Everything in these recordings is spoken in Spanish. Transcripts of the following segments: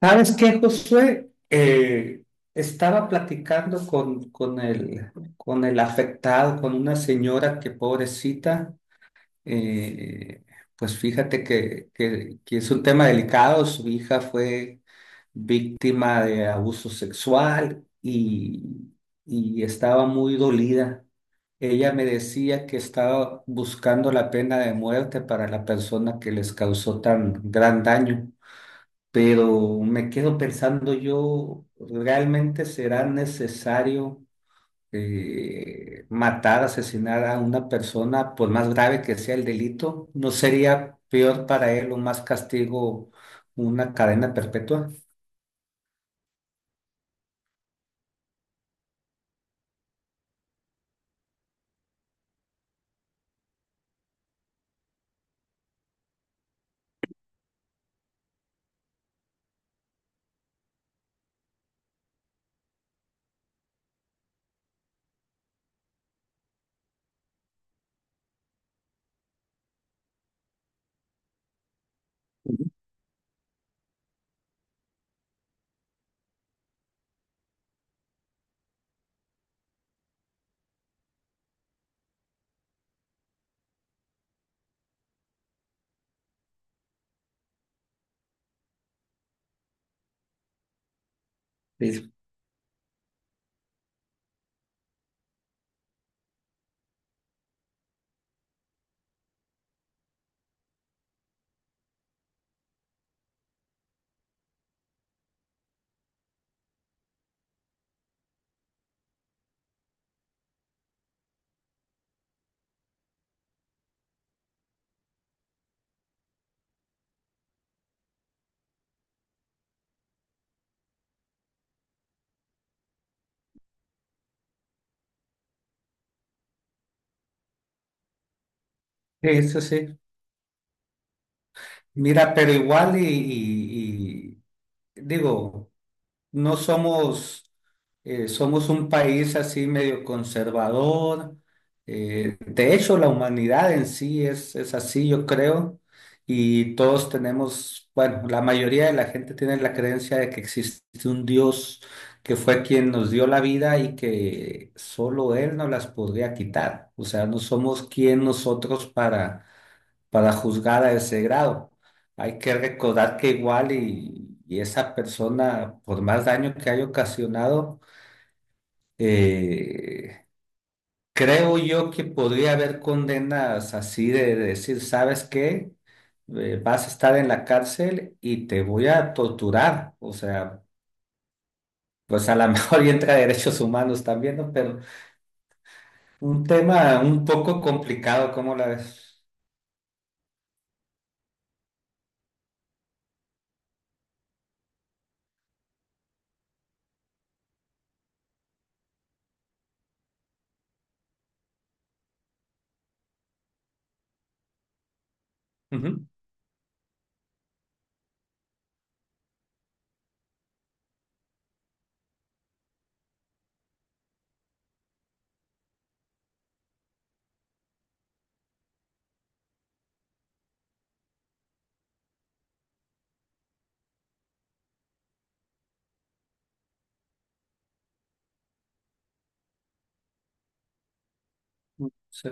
¿Sabes qué, Josué? Estaba platicando con el afectado, con una señora que pobrecita, eh, pues fíjate que es un tema delicado. Su hija fue víctima de abuso sexual y estaba muy dolida. Ella me decía que estaba buscando la pena de muerte para la persona que les causó tan gran daño. Pero me quedo pensando yo, ¿realmente será necesario matar, asesinar a una persona, por más grave que sea el delito? ¿No sería peor para él o más castigo una cadena perpetua? Sí, eso sí. Mira, pero igual y digo, no somos, somos un país así medio conservador. De hecho, la humanidad en sí es así, yo creo. Y todos tenemos, bueno, la mayoría de la gente tiene la creencia de que existe un Dios que fue quien nos dio la vida y que solo Él nos las podría quitar. O sea, no somos quien nosotros para juzgar a ese grado. Hay que recordar que igual y esa persona, por más daño que haya ocasionado, eh, creo yo que podría haber condenas así de, decir, ¿sabes qué? Vas a estar en la cárcel y te voy a torturar. O sea, pues a lo mejor y entra derechos humanos también, ¿no? Pero un tema un poco complicado, ¿cómo la ves? Ujú. Sí,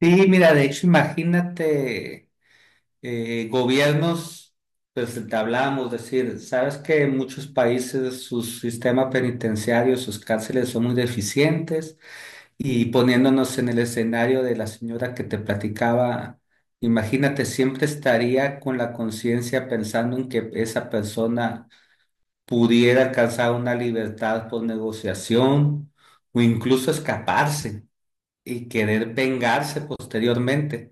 sí, mira, de hecho, imagínate. Gobiernos, pues entablábamos, decir, sabes que en muchos países sus sistemas penitenciarios, sus cárceles son muy deficientes y poniéndonos en el escenario de la señora que te platicaba, imagínate, siempre estaría con la conciencia pensando en que esa persona pudiera alcanzar una libertad por negociación o incluso escaparse y querer vengarse posteriormente.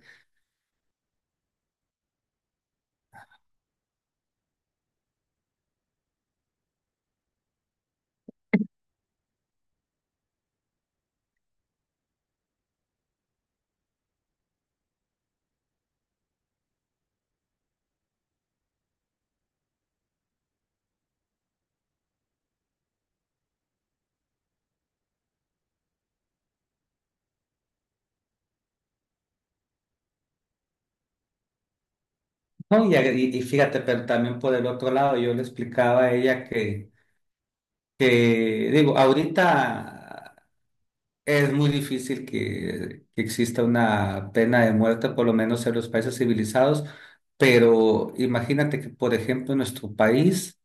No, y, y fíjate, pero también por el otro lado, yo le explicaba a ella que, digo, ahorita es muy difícil que exista una pena de muerte, por lo menos en los países civilizados, pero imagínate que, por ejemplo, en nuestro país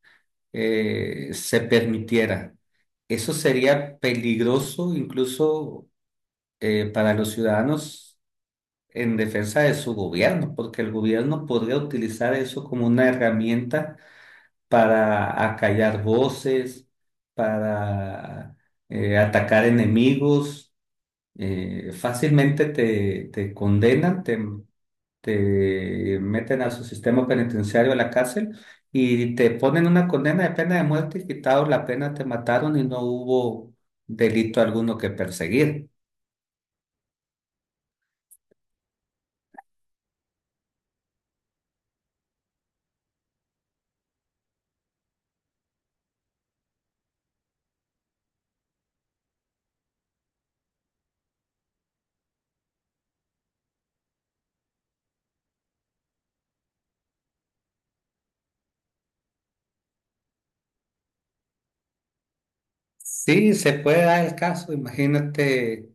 se permitiera. Eso sería peligroso incluso para los ciudadanos en defensa de su gobierno, porque el gobierno podría utilizar eso como una herramienta para acallar voces, para atacar enemigos. Fácilmente te, te condenan, te meten a su sistema penitenciario, a la cárcel, y te ponen una condena de pena de muerte, y quitado la pena, te mataron y no hubo delito alguno que perseguir. Sí, se puede dar el caso. Imagínate,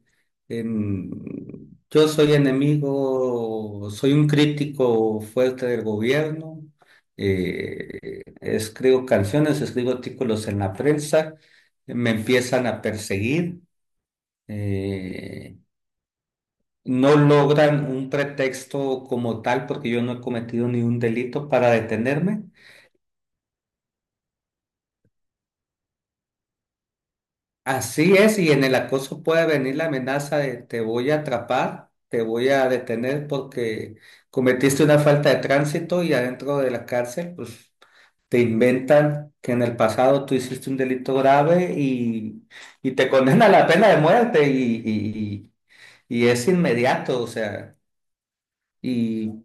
em, yo soy enemigo, soy un crítico fuerte del gobierno, escribo canciones, escribo artículos en la prensa, me empiezan a perseguir, eh, no logran un pretexto como tal porque yo no he cometido ni un delito para detenerme. Así es, y en el acoso puede venir la amenaza de te voy a atrapar, te voy a detener porque cometiste una falta de tránsito y adentro de la cárcel, pues te inventan que en el pasado tú hiciste un delito grave y te condena a la pena de muerte y es inmediato, o sea, y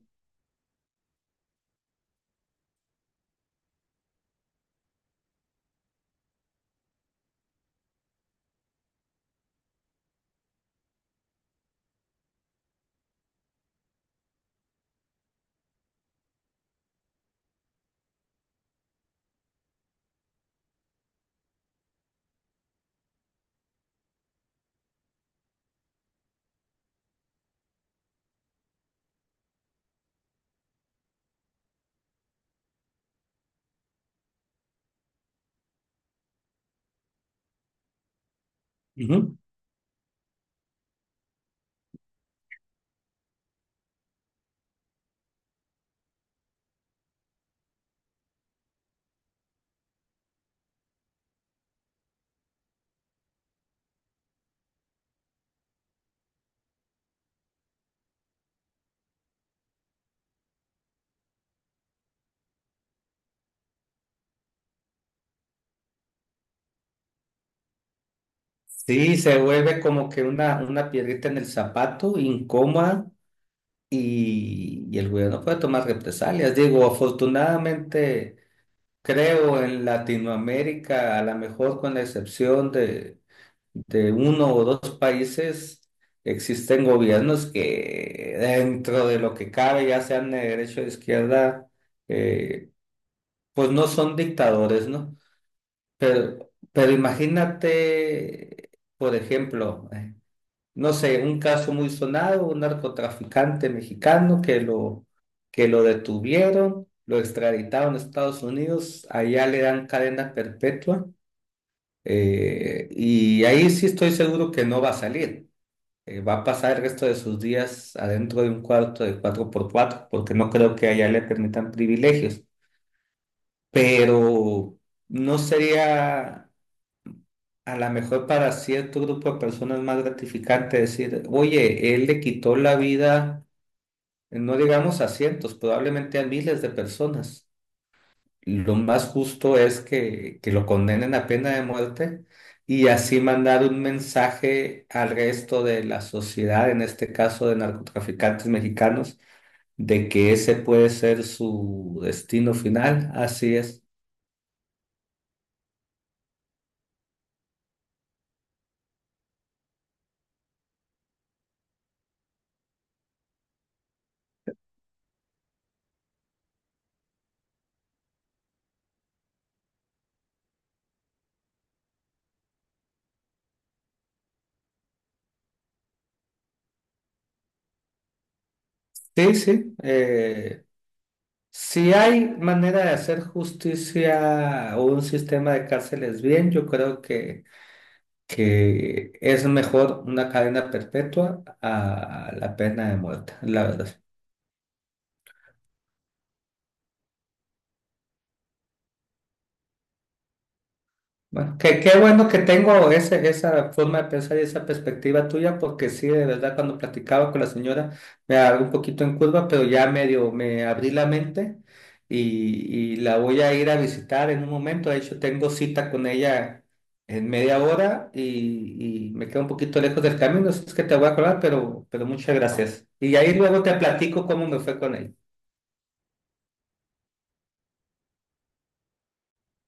ujú. Sí, se vuelve como que una piedrita en el zapato, incómoda y el gobierno puede tomar represalias. Digo, afortunadamente, creo en Latinoamérica, a lo mejor con la excepción de uno o dos países, existen gobiernos que dentro de lo que cabe, ya sean de derecha o de izquierda, eh, pues no son dictadores, ¿no? Pero imagínate, por ejemplo, no sé, un caso muy sonado, un narcotraficante mexicano que lo detuvieron, lo extraditaron a Estados Unidos, allá le dan cadena perpetua y ahí sí estoy seguro que no va a salir. Va a pasar el resto de sus días adentro de un cuarto de cuatro por cuatro porque no creo que allá le permitan privilegios, pero no sería... A lo mejor para cierto grupo de personas más gratificante decir, oye, él le quitó la vida no digamos a cientos, probablemente a miles de personas. Lo más justo es que lo condenen a pena de muerte y así mandar un mensaje al resto de la sociedad, en este caso de narcotraficantes mexicanos, de que ese puede ser su destino final. Así es. Sí, sí. Si hay manera de hacer justicia o un sistema de cárceles bien, yo creo que es mejor una cadena perpetua a la pena de muerte, la verdad. Bueno, qué bueno que tengo ese, esa forma de pensar y esa perspectiva tuya, porque sí, de verdad, cuando platicaba con la señora me agarró un poquito en curva, pero ya medio me abrí la mente y la voy a ir a visitar en un momento. De hecho, tengo cita con ella en media hora y me quedo un poquito lejos del camino, así es que te voy a colar pero muchas gracias. Y ahí luego te platico cómo me fue con ella.